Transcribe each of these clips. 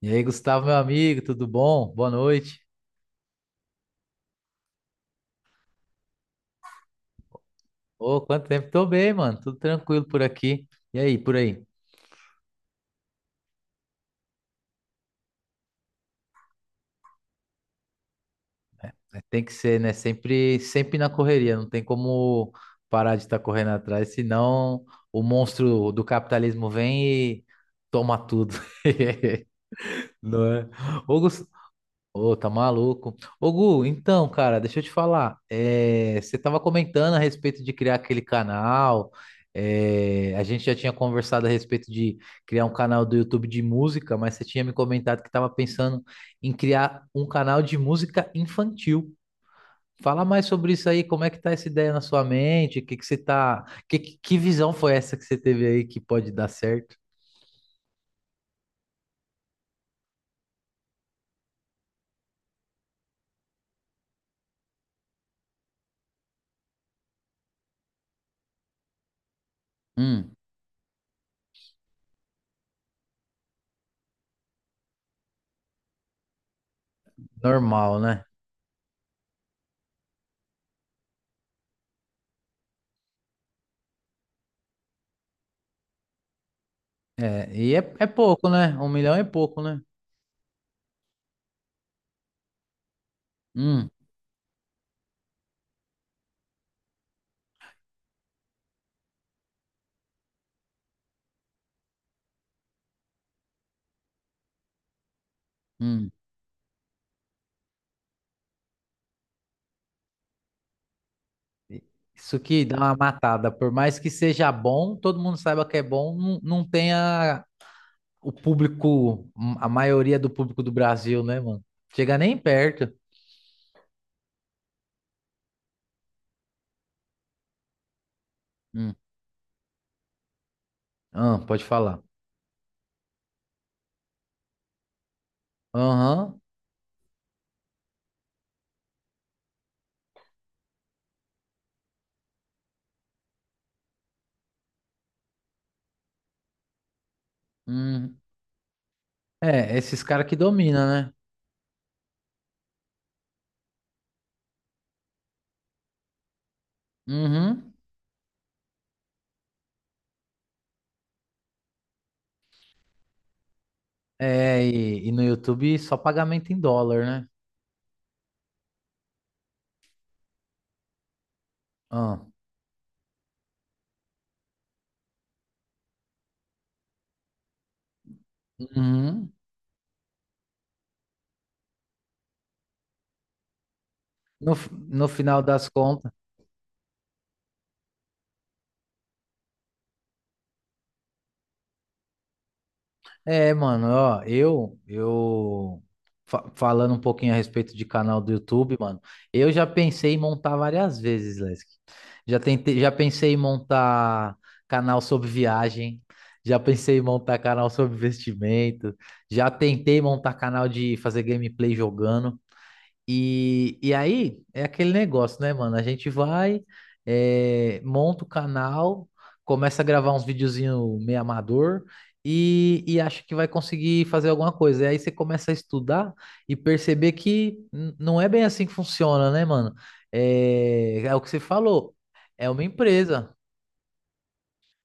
E aí, Gustavo, meu amigo, tudo bom? Boa noite. Ô, quanto tempo? Tô bem, mano. Tudo tranquilo por aqui. E aí, por aí? É, tem que ser, né? Sempre na correria. Não tem como parar de estar correndo atrás, senão o monstro do capitalismo vem e toma tudo. Não é? Ô, Gus- Ô, tá maluco. Ô, Gu, então, cara, deixa eu te falar. Você tava comentando a respeito de criar aquele canal. A gente já tinha conversado a respeito de criar um canal do YouTube de música, mas você tinha me comentado que tava pensando em criar um canal de música infantil. Fala mais sobre isso aí, como é que tá essa ideia na sua mente? O que que você tá. Que que visão foi essa que você teve aí que pode dar certo? Hum, normal, né? É pouco, né? Um milhão é pouco, né? Hum. Hum, isso que dá uma matada. Por mais que seja bom, todo mundo saiba que é bom, não tenha o público, a maioria do público do Brasil, né, mano? Chega nem perto. Hum. Ah, pode falar. Aham. Hum. É, esses caras que dominam, né? Uhum. E no YouTube só pagamento em dólar, né? Ah. Uhum. No final das contas. É, mano, ó, eu fa- Falando um pouquinho a respeito de canal do YouTube, mano, eu já pensei em montar várias vezes, Lesk. Já tentei, já pensei em montar canal sobre viagem, já pensei em montar canal sobre investimento, já tentei montar canal de fazer gameplay jogando. E aí é aquele negócio, né, mano? A gente vai, monta o canal, começa a gravar uns videozinhos meio amador e acha que vai conseguir fazer alguma coisa. E aí você começa a estudar e perceber que não é bem assim que funciona, né, mano? É o que você falou, é uma empresa.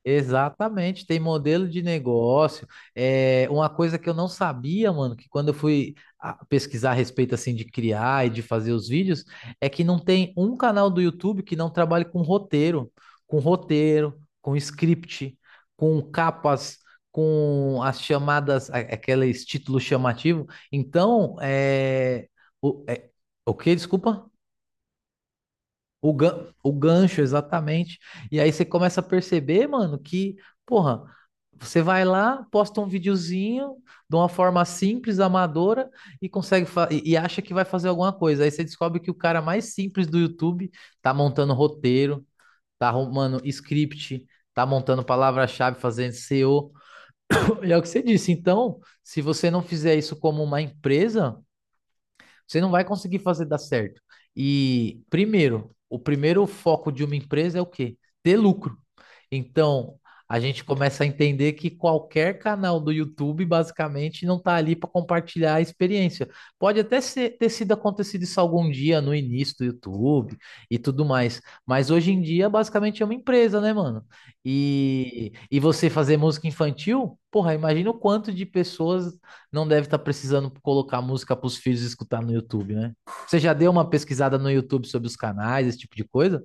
Exatamente, tem modelo de negócio. É uma coisa que eu não sabia, mano, que quando eu fui pesquisar a respeito assim de criar e de fazer os vídeos, é que não tem um canal do YouTube que não trabalhe com roteiro, com roteiro, com script, com capas, com as chamadas, aqueles títulos chamativos. Então, é, o, é, o quê? Desculpa? O gancho, exatamente. E aí você começa a perceber, mano, que, porra, você vai lá, posta um videozinho de uma forma simples, amadora, e consegue acha que vai fazer alguma coisa. Aí você descobre que o cara mais simples do YouTube tá montando roteiro, tá arrumando script, tá montando palavra-chave, fazendo SEO. E O. E é o que você disse. Então, se você não fizer isso como uma empresa, você não vai conseguir fazer dar certo. E primeiro, o primeiro foco de uma empresa é o quê? Ter lucro. Então, a gente começa a entender que qualquer canal do YouTube, basicamente, não está ali para compartilhar a experiência. Pode até ter sido acontecido isso algum dia no início do YouTube e tudo mais, mas hoje em dia, basicamente, é uma empresa, né, mano? E você fazer música infantil, porra, imagina o quanto de pessoas não deve estar precisando colocar música para os filhos escutar no YouTube, né? Você já deu uma pesquisada no YouTube sobre os canais, esse tipo de coisa?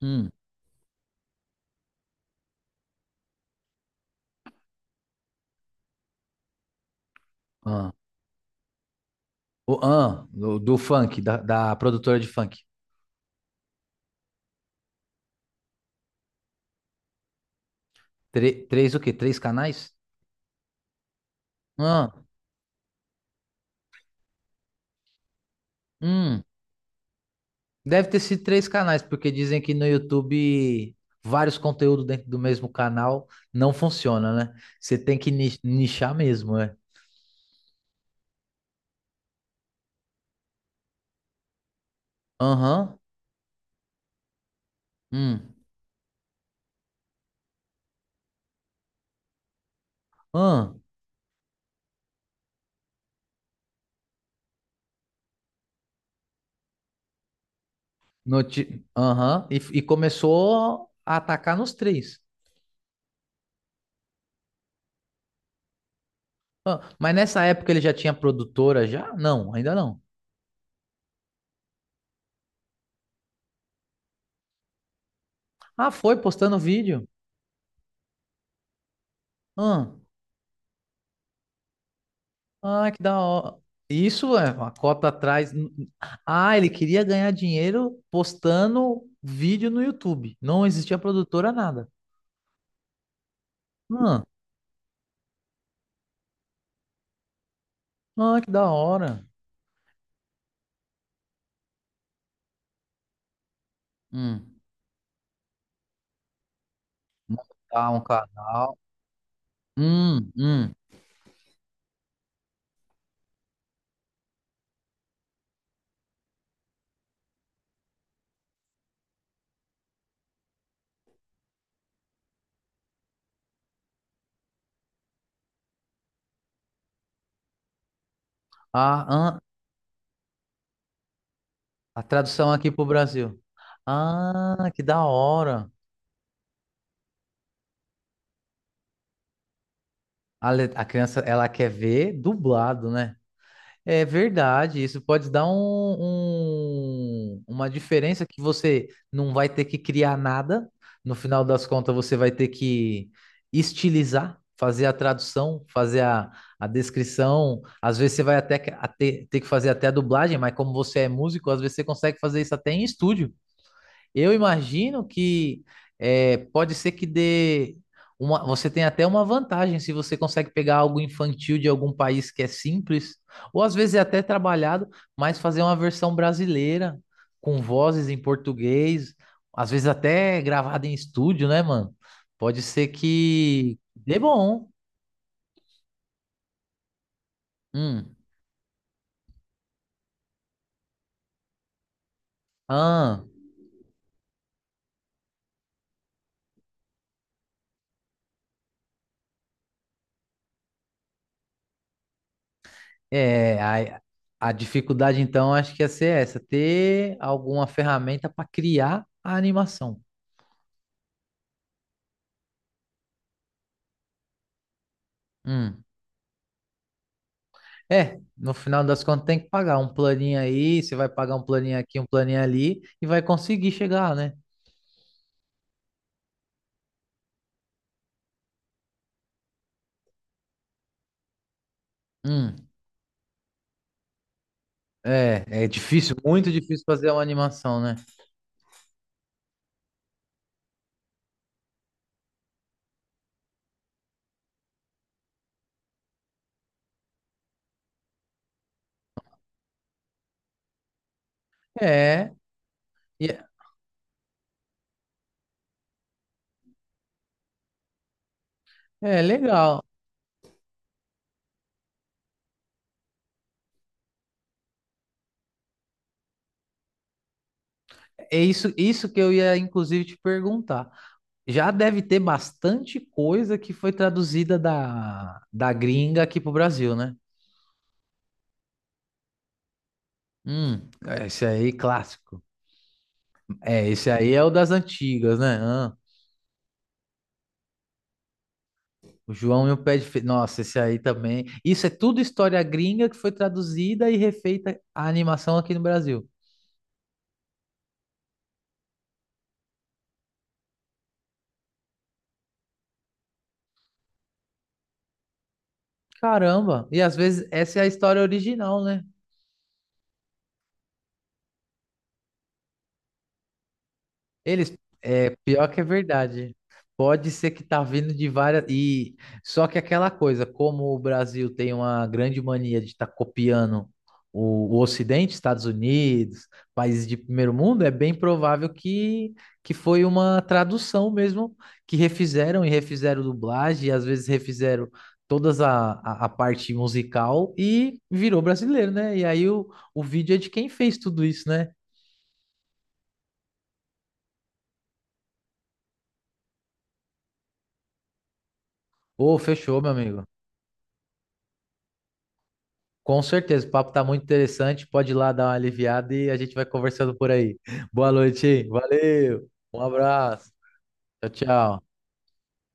Hum. Ah, ah, do funk, da produtora de funk. Três o quê? Três canais? Ah, hum. Deve ter sido três canais, porque dizem que no YouTube vários conteúdos dentro do mesmo canal não funciona, né? Você tem que nichar mesmo, né? Aham. Hum. Ah, aham, e começou a atacar nos três. Ah, mas nessa época ele já tinha produtora já? Não, ainda não. Ah, foi postando vídeo. Ah, ah, que da hora. Isso é uma cota atrás. Ah, ele queria ganhar dinheiro postando vídeo no YouTube. Não existia produtora nada. Ah, ah, que da hora. Hum, montar um canal. Hum. Ah, ah, a tradução aqui pro Brasil. Ah, que da hora. A criança, ela quer ver dublado, né? É verdade, isso pode dar uma diferença que você não vai ter que criar nada. No final das contas, você vai ter que estilizar, fazer a tradução, fazer a descrição. Às vezes você vai até ter que fazer até a dublagem, mas como você é músico, às vezes você consegue fazer isso até em estúdio. Eu imagino que pode ser que dê uma, você tem até uma vantagem se você consegue pegar algo infantil de algum país que é simples, ou às vezes é até trabalhado, mas fazer uma versão brasileira com vozes em português, às vezes até gravada em estúdio, né, mano? Pode ser que dê bom. Hum. Ah, é, a, a dificuldade então acho que ia ser essa, ter alguma ferramenta para criar a animação. Hum. É, no final das contas tem que pagar um planinho aí, você vai pagar um planinho aqui, um planinho ali e vai conseguir chegar, né? Hum, é difícil, muito difícil fazer uma animação, né? É, e é é legal. Isso que eu ia inclusive te perguntar. Já deve ter bastante coisa que foi traduzida da gringa aqui pro Brasil, né? Hum, esse aí clássico. É, esse aí é o das antigas, né? Ah, O João e o Pé de Fe... Nossa, esse aí também. Isso é tudo história gringa que foi traduzida e refeita a animação aqui no Brasil. Caramba! E às vezes essa é a história original, né? Eles, pior que é verdade. Pode ser que tá vindo de várias e só que aquela coisa, como o Brasil tem uma grande mania de estar copiando o Ocidente, Estados Unidos, países de primeiro mundo, é bem provável que foi uma tradução mesmo que refizeram e refizeram dublagem, e às vezes refizeram todas a parte musical e virou brasileiro, né? E aí o vídeo é de quem fez tudo isso, né? Ô, fechou, meu amigo. Com certeza, o papo tá muito interessante. Pode ir lá dar uma aliviada e a gente vai conversando por aí. Boa noite, hein? Valeu. Um abraço. Tchau, tchau.